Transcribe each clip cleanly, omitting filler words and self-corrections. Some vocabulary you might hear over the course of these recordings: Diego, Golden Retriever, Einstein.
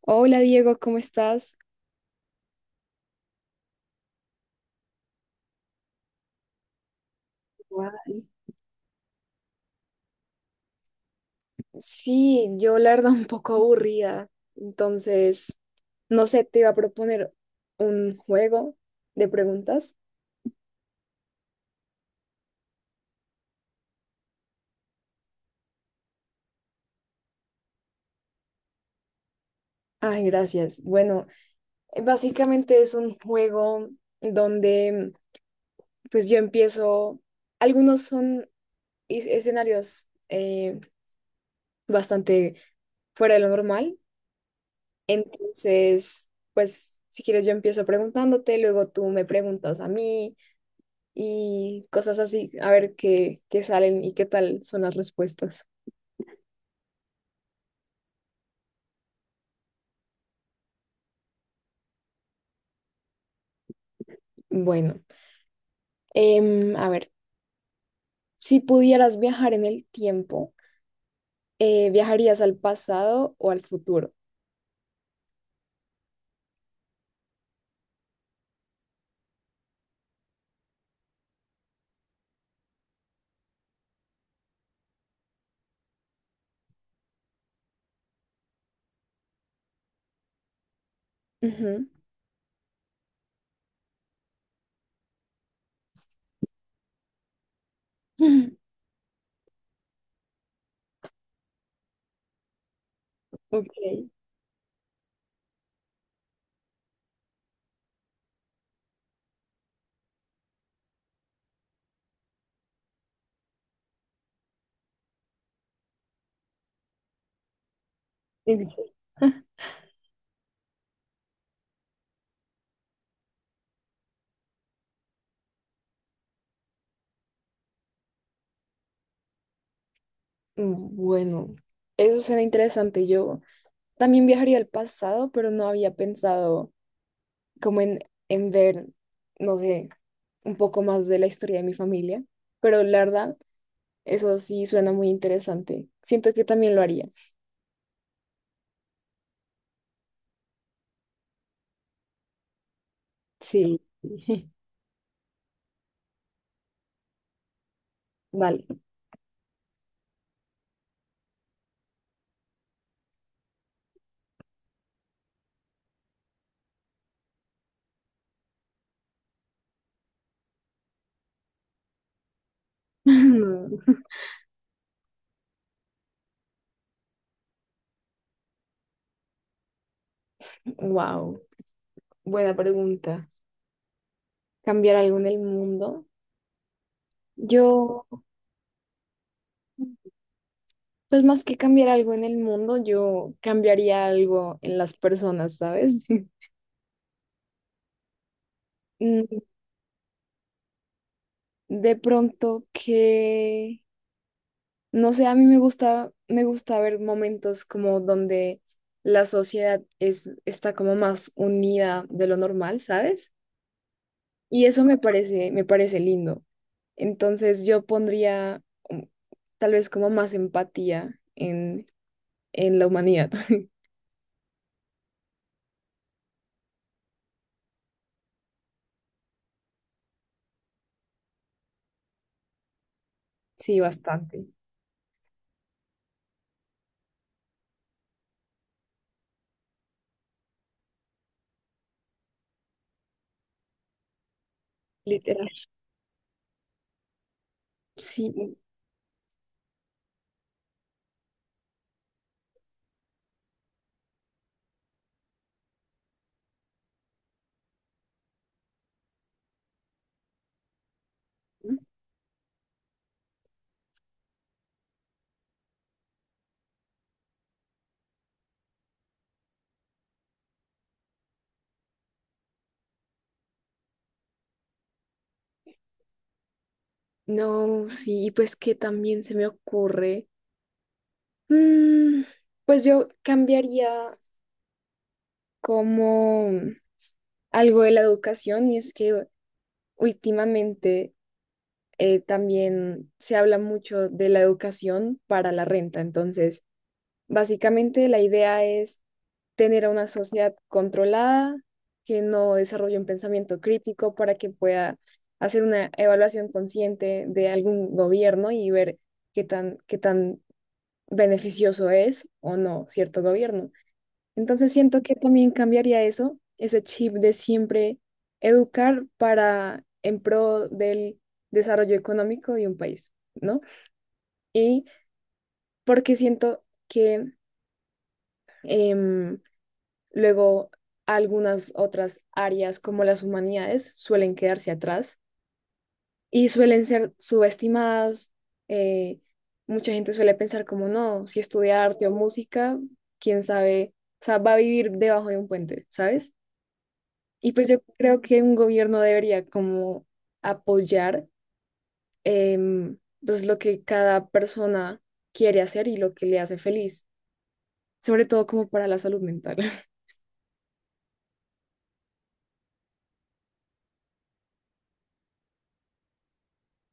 Hola Diego, ¿cómo estás? Guay. Sí, yo la verdad un poco aburrida, entonces, no sé, te iba a proponer un juego de preguntas. Ay, gracias. Bueno, básicamente es un juego donde pues yo empiezo, algunos son escenarios bastante fuera de lo normal, entonces, pues si quieres yo empiezo preguntándote, luego tú me preguntas a mí. Y cosas así, a ver qué, qué salen y qué tal son las respuestas. Bueno, a ver, si pudieras viajar en el tiempo, ¿viajarías al pasado o al futuro? Ujú. Ok, en serio. Bueno, eso suena interesante. Yo también viajaría al pasado, pero no había pensado como en ver, no sé, un poco más de la historia de mi familia. Pero la verdad, eso sí suena muy interesante. Siento que también lo haría. Sí, vale. Wow, buena pregunta. ¿Cambiar algo en el mundo? Yo, pues más que cambiar algo en el mundo, yo cambiaría algo en las personas, ¿sabes? Mm, de pronto que, no sé, a mí me gusta ver momentos como donde la sociedad es, está como más unida de lo normal, ¿sabes? Y eso me parece lindo. Entonces yo pondría, mm, tal vez como más empatía en la humanidad. Sí, bastante, literal. Sí, no, sí, pues que también se me ocurre. Mm, pues yo cambiaría como algo de la educación, y es que últimamente también se habla mucho de la educación para la renta. Entonces básicamente la idea es tener a una sociedad controlada, que no desarrolle un pensamiento crítico para que pueda hacer una evaluación consciente de algún gobierno y ver qué tan beneficioso es o no cierto gobierno. Entonces siento que también cambiaría eso, ese chip de siempre educar para en pro del desarrollo económico de un país, ¿no? Y porque siento que... em, luego, algunas otras áreas como las humanidades suelen quedarse atrás y suelen ser subestimadas. eh, mucha gente suele pensar como, no, si estudia arte o música, quién sabe, o sea, va a vivir debajo de un puente, ¿sabes? Y pues yo creo que un gobierno debería como apoyar, em, pues lo que cada persona quiere hacer y lo que le hace feliz, sobre todo como para la salud mental.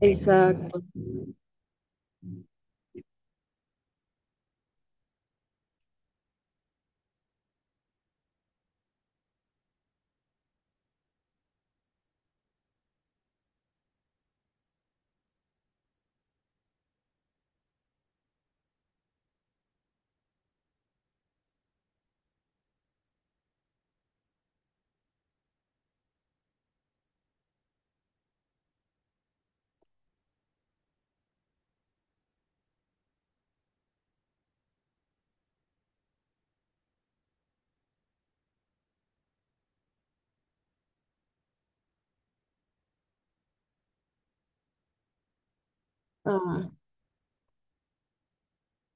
Exacto. Ah.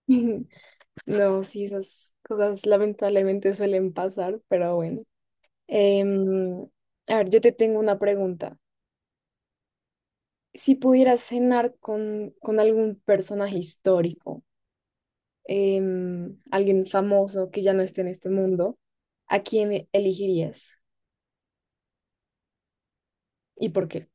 No, sí, esas cosas lamentablemente suelen pasar, pero bueno. Em, a ver, yo te tengo una pregunta. Si pudieras cenar con algún personaje histórico, alguien famoso que ya no esté en este mundo, ¿a quién elegirías? ¿Y por qué?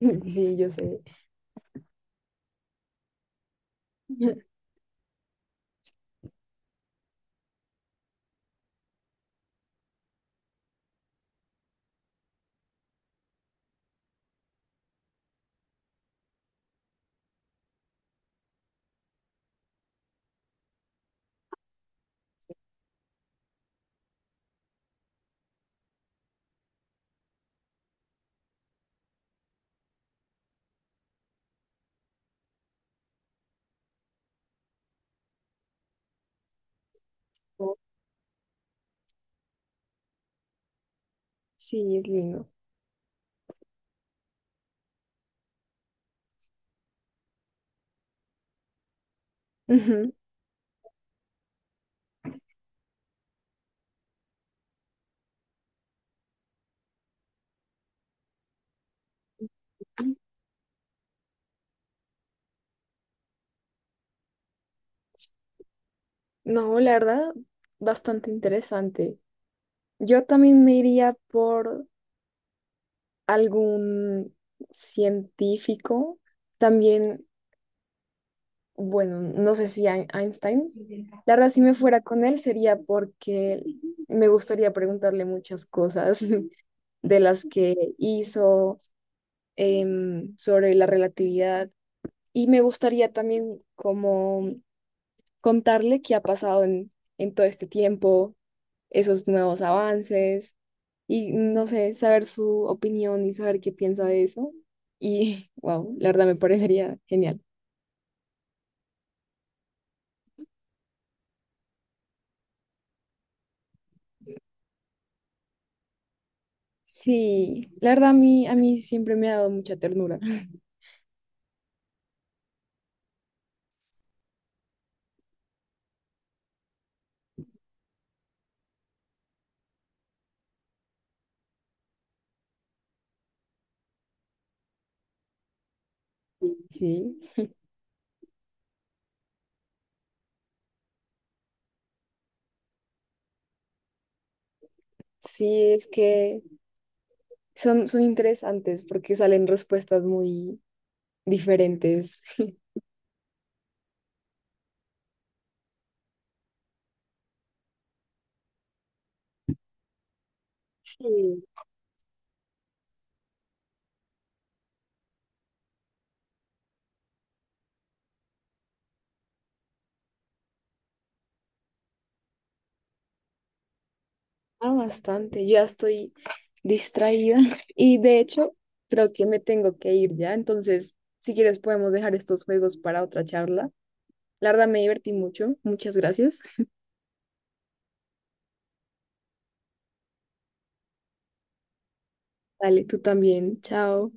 Sí, yo sé. Sí, es lindo. Ujú. No, la verdad, bastante interesante. Yo también me iría por algún científico, también, bueno, no sé si Einstein. La verdad, si me fuera con él sería porque me gustaría preguntarle muchas cosas de las que hizo, sobre la relatividad, y me gustaría también como contarle qué ha pasado en todo este tiempo, esos nuevos avances, y no sé, saber su opinión y saber qué piensa de eso. Y wow, la verdad me parecería genial. Sí, la verdad a mí siempre me ha dado mucha ternura. Sí, sí, es que son, son interesantes porque salen respuestas muy diferentes. Sí, ah, bastante. Yo ya estoy distraída y de hecho creo que me tengo que ir ya. Entonces, si quieres podemos dejar estos juegos para otra charla. La verdad me divertí mucho. Muchas gracias. Dale, tú también. Chao.